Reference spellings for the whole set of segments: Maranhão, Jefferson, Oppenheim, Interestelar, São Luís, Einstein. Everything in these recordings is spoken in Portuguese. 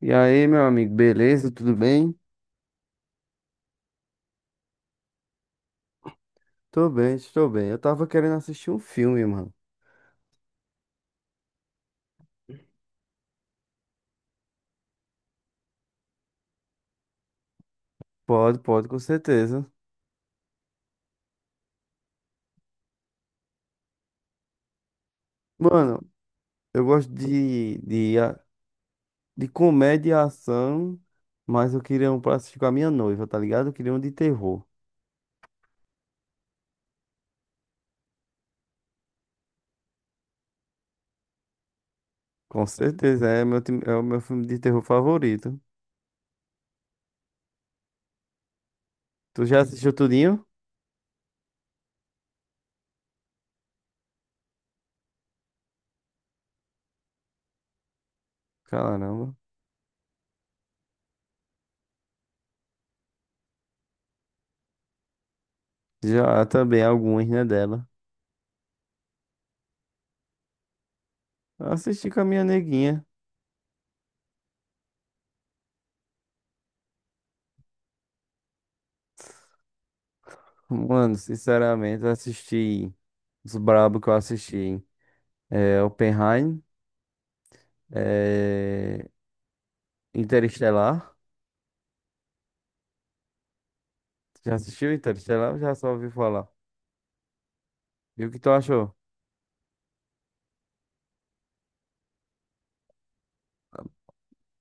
E aí, meu amigo, beleza? Tudo bem? Tô bem, estou bem. Eu tava querendo assistir um filme, mano. Pode, pode, com certeza. Mano, eu gosto de comédia e ação, mas eu queria um pra assistir com a minha noiva, tá ligado? Eu queria um de terror. Com certeza, é é o meu filme de terror favorito. Tu já assistiu tudinho? Caramba. Já também alguns, né, dela. Eu assisti com a minha neguinha. Mano, sinceramente, eu assisti os brabo que eu assisti. Oppenheim, é, Interestelar. Já assistiu Interestelar? Ou já só ouviu falar. E o que tu achou?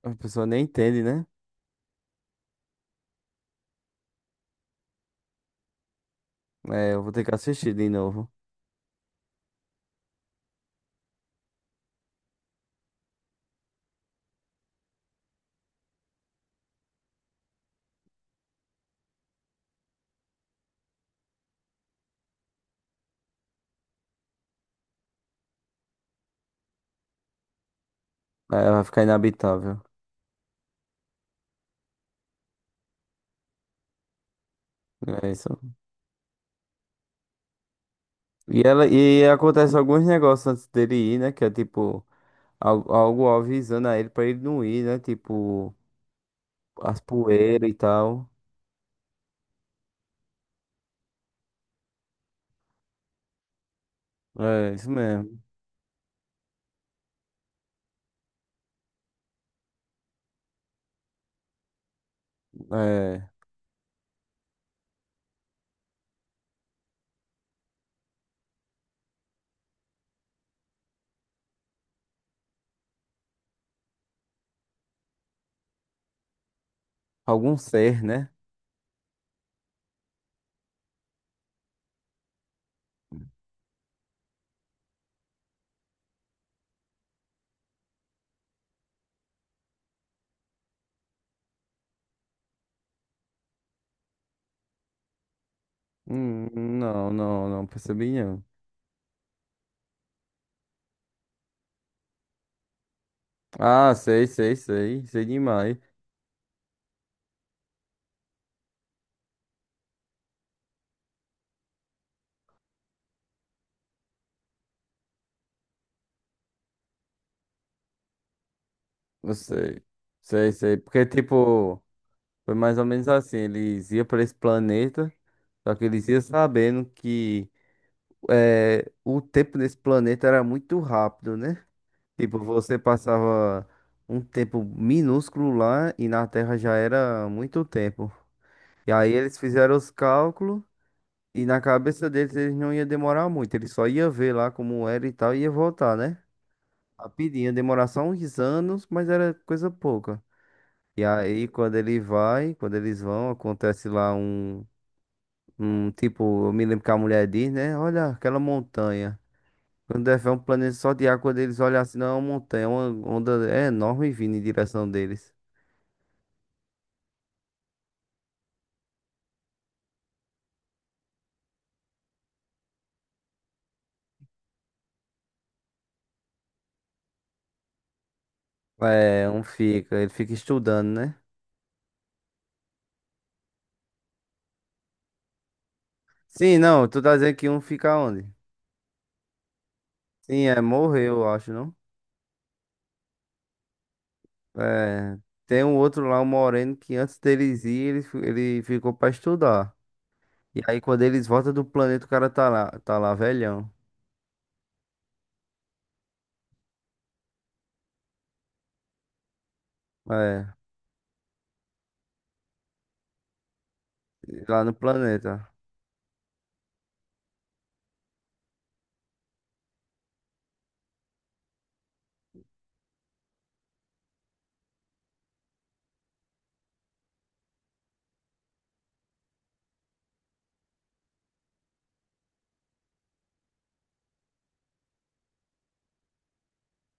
A pessoa nem entende, né? É, eu vou ter que assistir de novo. Aí vai ficar inabitável. É isso. E ela, e acontece alguns negócios antes dele ir, né? Que é tipo, algo avisando a ele pra ele não ir, né? Tipo, as poeiras e tal. É, isso mesmo. É, algum ser, né? Hum, não percebi não. Ah, sei, sei, sei. Sei demais. Eu sei. Sei, sei. Porque, tipo, foi mais ou menos assim. Eles iam pra esse planeta, só que eles iam sabendo que o tempo nesse planeta era muito rápido, né? Tipo, você passava um tempo minúsculo lá e na Terra já era muito tempo. E aí eles fizeram os cálculos e na cabeça deles eles não ia demorar muito. Eles só ia ver lá como era e tal e ia voltar, né? Rapidinho, demorar só uns anos, mas era coisa pouca. E aí, quando ele vai, quando eles vão, acontece lá um, um tipo, eu me lembro que a mulher diz, né? Olha aquela montanha. Quando é um planeta só de água, quando eles olham assim, não é uma montanha, é uma onda enorme vindo em direção deles. É, um fica, ele fica estudando, né? Sim, não, tu tá dizendo que um fica onde? Sim, é, morreu, eu acho, não? É, tem um outro lá, um moreno, que antes deles ir, ele ficou pra estudar. E aí quando eles voltam do planeta, o cara tá lá velhão. É, lá no planeta.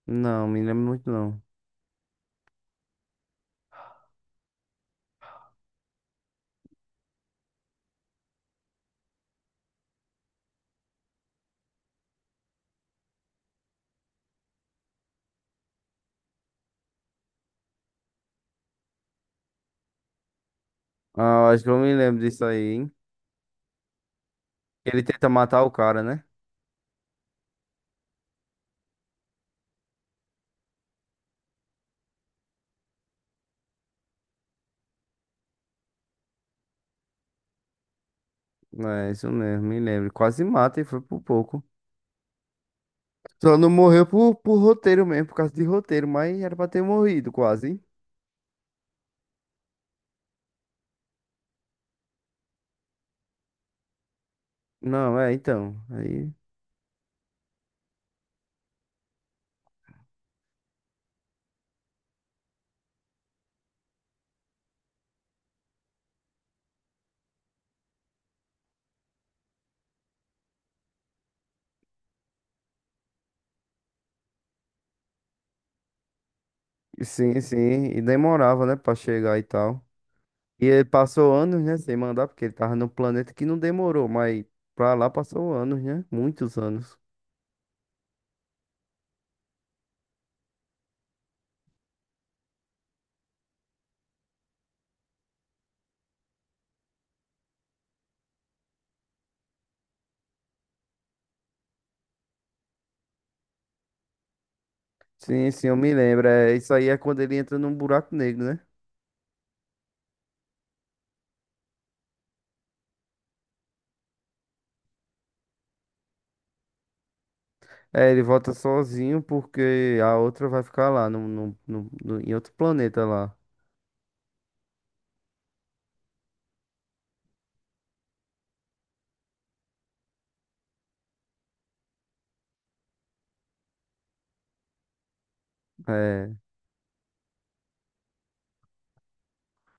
Não, me lembro muito não. Ah, acho que eu me lembro disso aí, hein? Ele tenta matar o cara, né? É, isso mesmo, me lembro. Quase mata e foi por pouco. Só não morreu por roteiro mesmo, por causa de roteiro, mas era pra ter morrido quase. Hein? Não, é, então. Aí, sim, sim. E demorava, né, pra chegar e tal. E ele passou anos, né, sem mandar, porque ele tava no planeta que não demorou, mas pra lá passou anos, né? Muitos anos. Sim, sim, eu me lembro. É, isso aí é quando ele entra num buraco negro, né? É, ele volta sozinho porque a outra vai ficar lá, em outro planeta lá. É.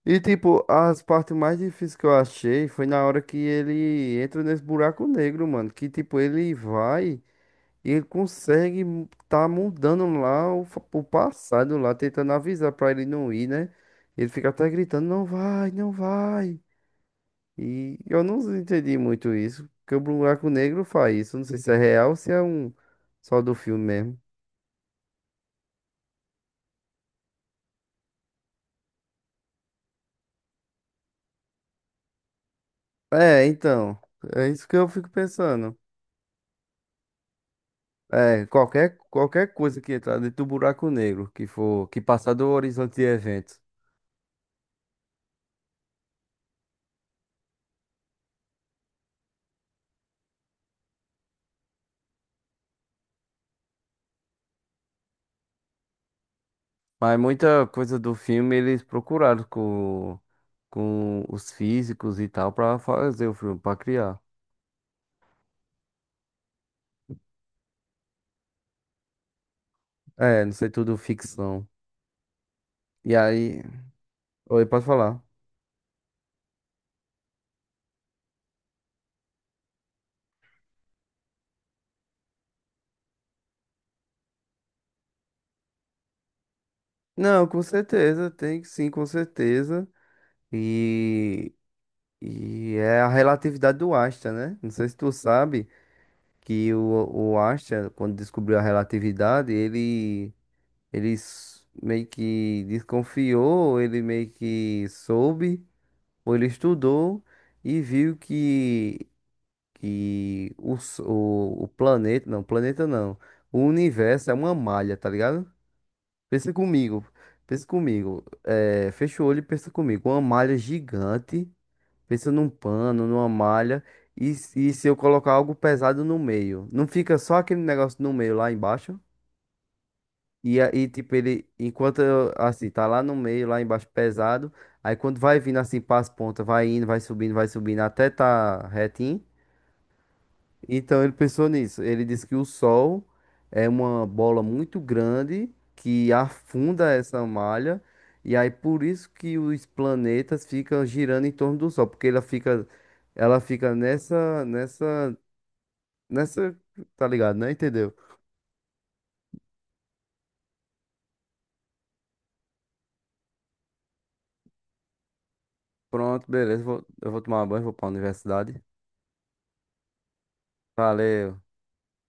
E tipo, as partes mais difíceis que eu achei foi na hora que ele entra nesse buraco negro, mano. Que tipo, ele vai e ele consegue tá mudando lá o passado lá, tentando avisar pra ele não ir, né? Ele fica até gritando, não vai, não vai. E eu não entendi muito isso, porque o buraco negro faz isso. Não sei se é real ou se é um só do filme mesmo. É, então, é isso que eu fico pensando. É, qualquer coisa que entrar dentro do buraco negro, que for, que passar do horizonte de eventos. Mas muita coisa do filme eles procuraram com os físicos e tal pra fazer o filme, pra criar. É, não sei, tudo ficção. E aí, oi, pode falar? Não, com certeza, tem sim, com certeza. E, e é a relatividade do Einstein, né? Não sei se tu sabe que o Einstein, quando descobriu a relatividade, ele, meio que desconfiou, ele meio que soube, ou ele estudou e viu que, o planeta não, o universo é uma malha, tá ligado? Pensa comigo, pensa comigo, é, fecha o olho e pensa comigo, uma malha gigante. Pensa num pano, numa malha. E, e se eu colocar algo pesado no meio? Não fica só aquele negócio no meio lá embaixo? E aí, tipo, ele, enquanto eu, assim, tá lá no meio, lá embaixo, pesado. Aí quando vai vindo assim para as pontas, vai indo, vai subindo até tá retinho. Então ele pensou nisso. Ele disse que o Sol é uma bola muito grande que afunda essa malha, e aí por isso que os planetas ficam girando em torno do Sol, porque ela fica nessa, tá ligado, né? Entendeu? Pronto, beleza. Eu vou tomar banho, vou pra universidade. Valeu.